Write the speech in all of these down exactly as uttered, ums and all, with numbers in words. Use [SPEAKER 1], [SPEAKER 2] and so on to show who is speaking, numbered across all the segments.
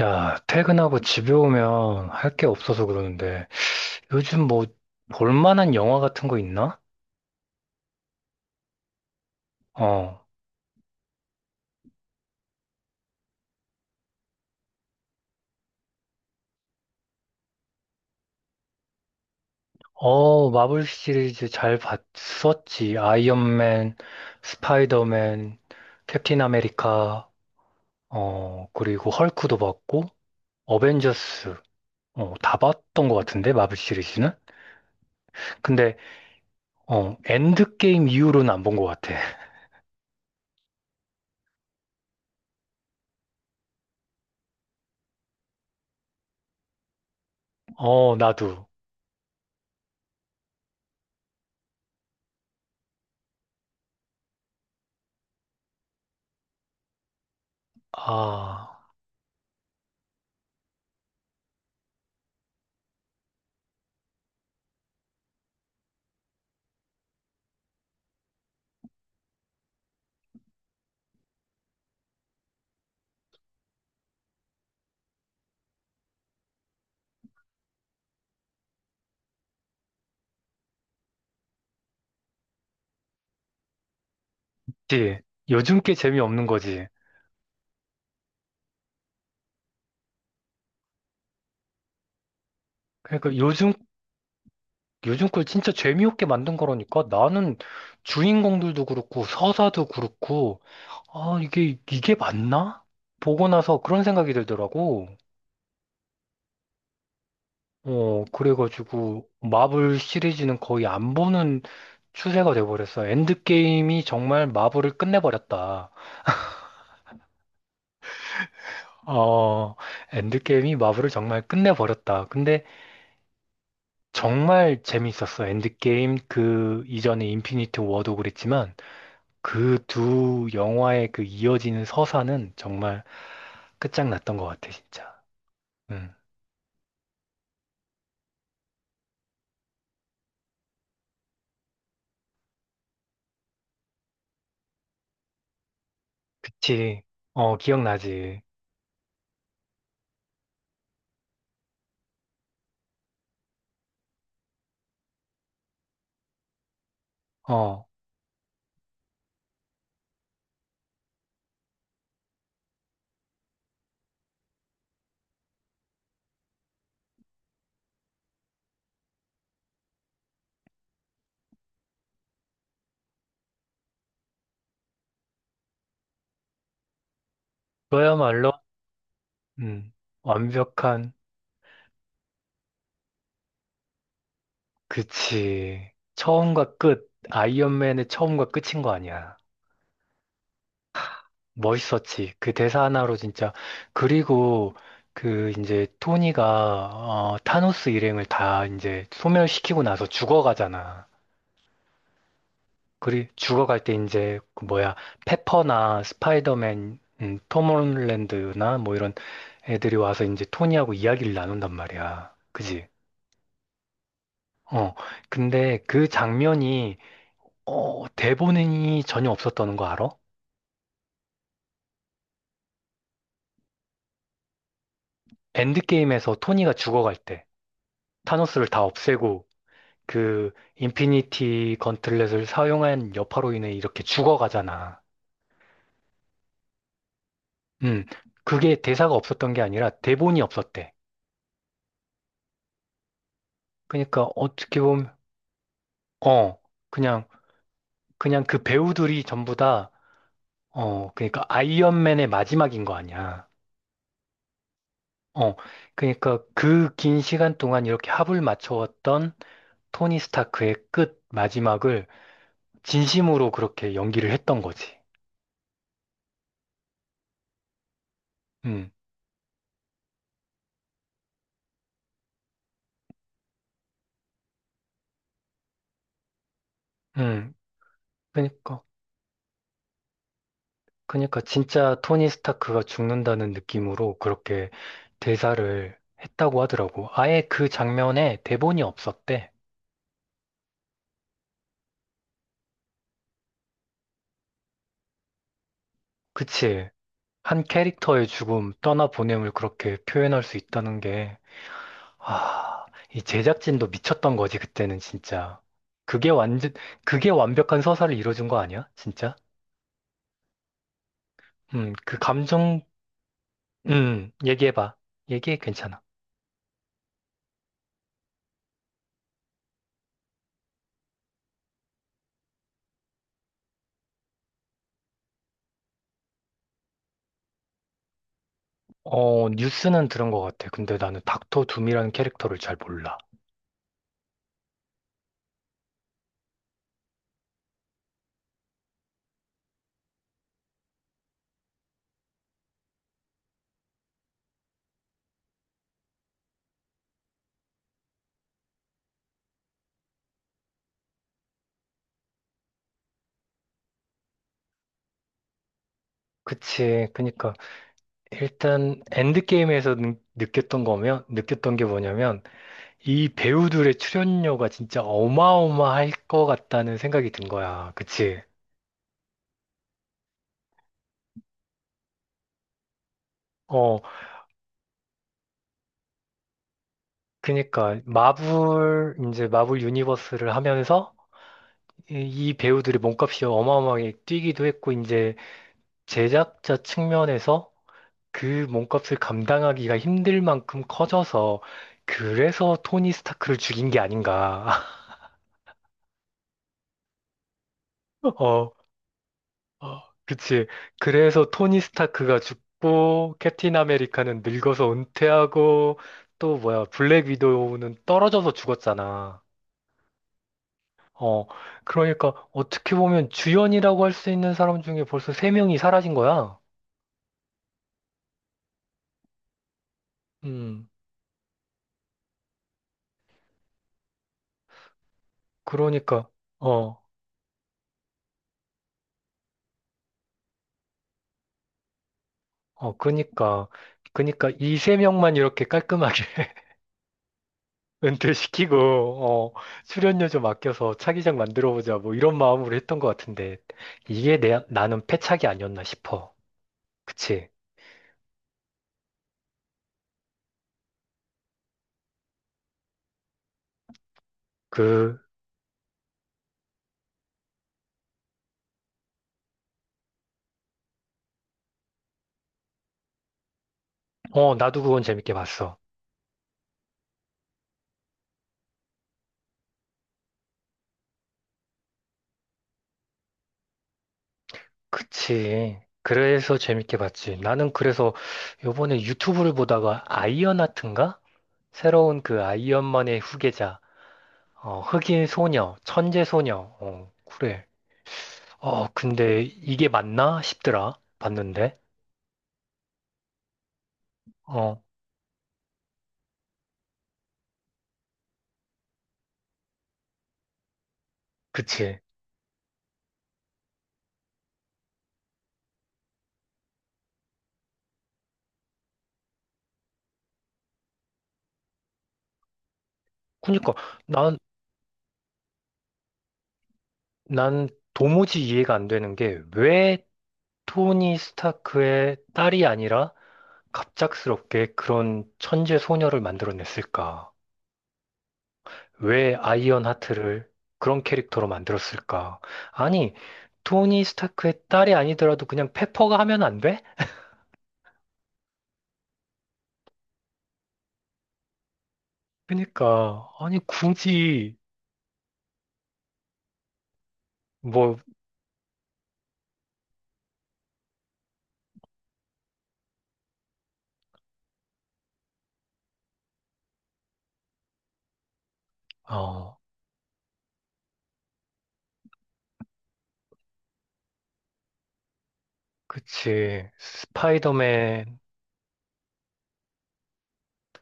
[SPEAKER 1] 야, 퇴근하고 집에 오면 할 게 없어서 그러는데, 요즘 뭐, 볼만한 영화 같은 거 있나? 어, 어, 마블 시리즈 잘 봤었지. 아이언맨, 스파이더맨, 캡틴 아메리카, 어, 그리고 헐크도 봤고, 어벤져스, 어, 다 봤던 것 같은데, 마블 시리즈는? 근데, 어, 엔드게임 이후로는 안 본 것 같아. 어, 나도. 아, 그치. 요즘 게 재미없는 거지. 그러니까 요즘 요즘 걸 진짜 재미없게 만든 거라니까 나는 주인공들도 그렇고 서사도 그렇고 아 이게 이게 맞나? 보고 나서 그런 생각이 들더라고. 어 그래가지고 마블 시리즈는 거의 안 보는 추세가 돼버렸어. 엔드게임이 정말 마블을 끝내버렸다. 어 엔드게임이 마블을 정말 끝내버렸다. 근데 정말 재밌었어. 엔드게임 그 이전에 인피니트 워도 그랬지만. 그 두 영화의 그 이어지는 서사는 정말 끝장났던 것 같아, 진짜. 응. 그치. 어, 기억나지. 어, 그야말로, 음, 완벽한, 그치. 처음과 끝, 아이언맨의 처음과 끝인 거 아니야. 멋있었지. 그 대사 하나로 진짜. 그리고 그 이제 토니가, 어, 타노스 일행을 다 이제 소멸시키고 나서 죽어가잖아. 그리 죽어갈 때 이제 그 뭐야 페퍼나 스파이더맨, 음, 톰 홀랜드나 뭐 이런 애들이 와서 이제 토니하고 이야기를 나눈단 말이야. 그지? 어. 근데 그 장면이 어 대본이 전혀 없었다는 거 알아? 엔드게임에서 토니가 죽어갈 때 타노스를 다 없애고 그 인피니티 건틀렛을 사용한 여파로 인해 이렇게 죽어가잖아. 음. 그게 대사가 없었던 게 아니라 대본이 없었대. 그러니까 어떻게 보면 어, 그냥, 그냥 그 배우들이 전부 다, 어, 그러니까 아이언맨의 마지막인 거 아니야. 어, 그러니까 그 긴 시간 동안 이렇게 합을 맞춰왔던 토니 스타크의 끝 마지막을 진심으로 그렇게 연기를 했던 거지. 음, 음, 그러니까, 그러니까 진짜 토니 스타크가 죽는다는 느낌으로 그렇게 대사를 했다고 하더라고. 아예 그 장면에 대본이 없었대. 그치? 한 캐릭터의 죽음, 떠나보냄을 그렇게 표현할 수 있다는 게, 아, 이 제작진도 미쳤던 거지, 그때는 진짜. 그게 완전, 그게 완벽한 서사를 이뤄준 거 아니야? 진짜? 음, 그 감정, 음, 얘기해봐. 얘기해, 괜찮아. 어, 뉴스는 들은 것 같아. 근데 나는 닥터 둠이라는 캐릭터를 잘 몰라. 그치. 그니까, 일단, 엔드게임에서 느- 느꼈던 거면, 느꼈던 게 뭐냐면, 이 배우들의 출연료가 진짜 어마어마할 것 같다는 생각이 든 거야. 그치? 어, 그니까, 마블, 이제 마블 유니버스를 하면서 이이 배우들의 몸값이 어마어마하게 뛰기도 했고, 이제 제작자 측면에서 그 몸값을 감당하기가 힘들 만큼 커져서, 그래서 토니 스타크를 죽인 게 아닌가. 어, 어, 그치. 그래서 토니 스타크가 죽고, 캡틴 아메리카는 늙어서 은퇴하고, 또 뭐야, 블랙 위도우는 떨어져서 죽었잖아. 어, 그러니까 어떻게 보면 주연이라고 할 수 있는 사람 중에 벌써 세명이 사라진 거야. 음, 그러니까, 어, 어, 그니까, 그니까 이 세명만 이렇게 깔끔하게 은퇴시키고, 어, 출연료 좀 아껴서 차기작 만들어보자, 뭐 이런 마음으로 했던 것 같은데, 이게 내, 나는 패착이 아니었나 싶어. 그치. 그, 어, 나도 그건 재밌게 봤어. 그치. 그래서 재밌게 봤지. 나는 그래서 요번에 유튜브를 보다가 아이언하트인가? 새로운 그 아이언만의 후계자, 어, 흑인 소녀, 천재 소녀, 어, 그래. 어, 근데 이게 맞나 싶더라. 봤는데. 어, 그치. 그니까, 난, 난 도무지 이해가 안 되는 게 왜 토니 스타크의 딸이 아니라 갑작스럽게 그런 천재 소녀를 만들어냈을까? 왜 아이언 하트를 그런 캐릭터로 만들었을까? 아니, 토니 스타크의 딸이 아니더라도 그냥 페퍼가 하면 안 돼? 그러니까, 아니, 굳이, 뭐, 어, 그치. 스파이더맨,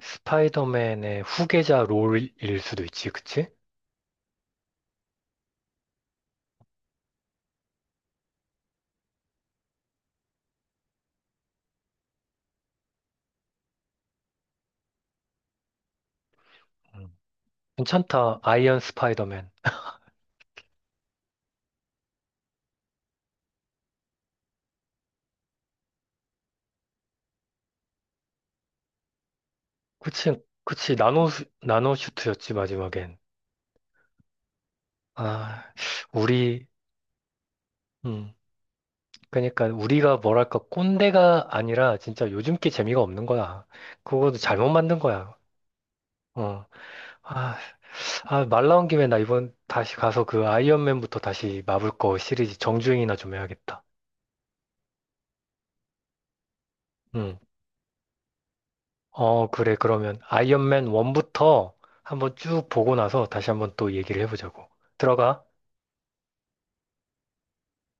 [SPEAKER 1] 스파이더맨의 후계자 롤일 수도 있지, 그치? 음. 괜찮다. 아이언 스파이더맨. 그치, 그치. 나노, 나노슈트였지, 마지막엔. 아, 우리, 음, 그러니까 우리가 뭐랄까 꼰대가 아니라 진짜 요즘 게 재미가 없는 거야. 그것도 잘못 만든 거야. 어. 아, 아, 말 나온 김에 나 이번 다시 가서 그 아이언맨부터 다시 마블 거 시리즈 정주행이나 좀 해야겠다. 응. 어, 그래. 그러면 아이언맨 일부터 한번 쭉 보고 나서 다시 한번 또 얘기를 해보자고. 들어가.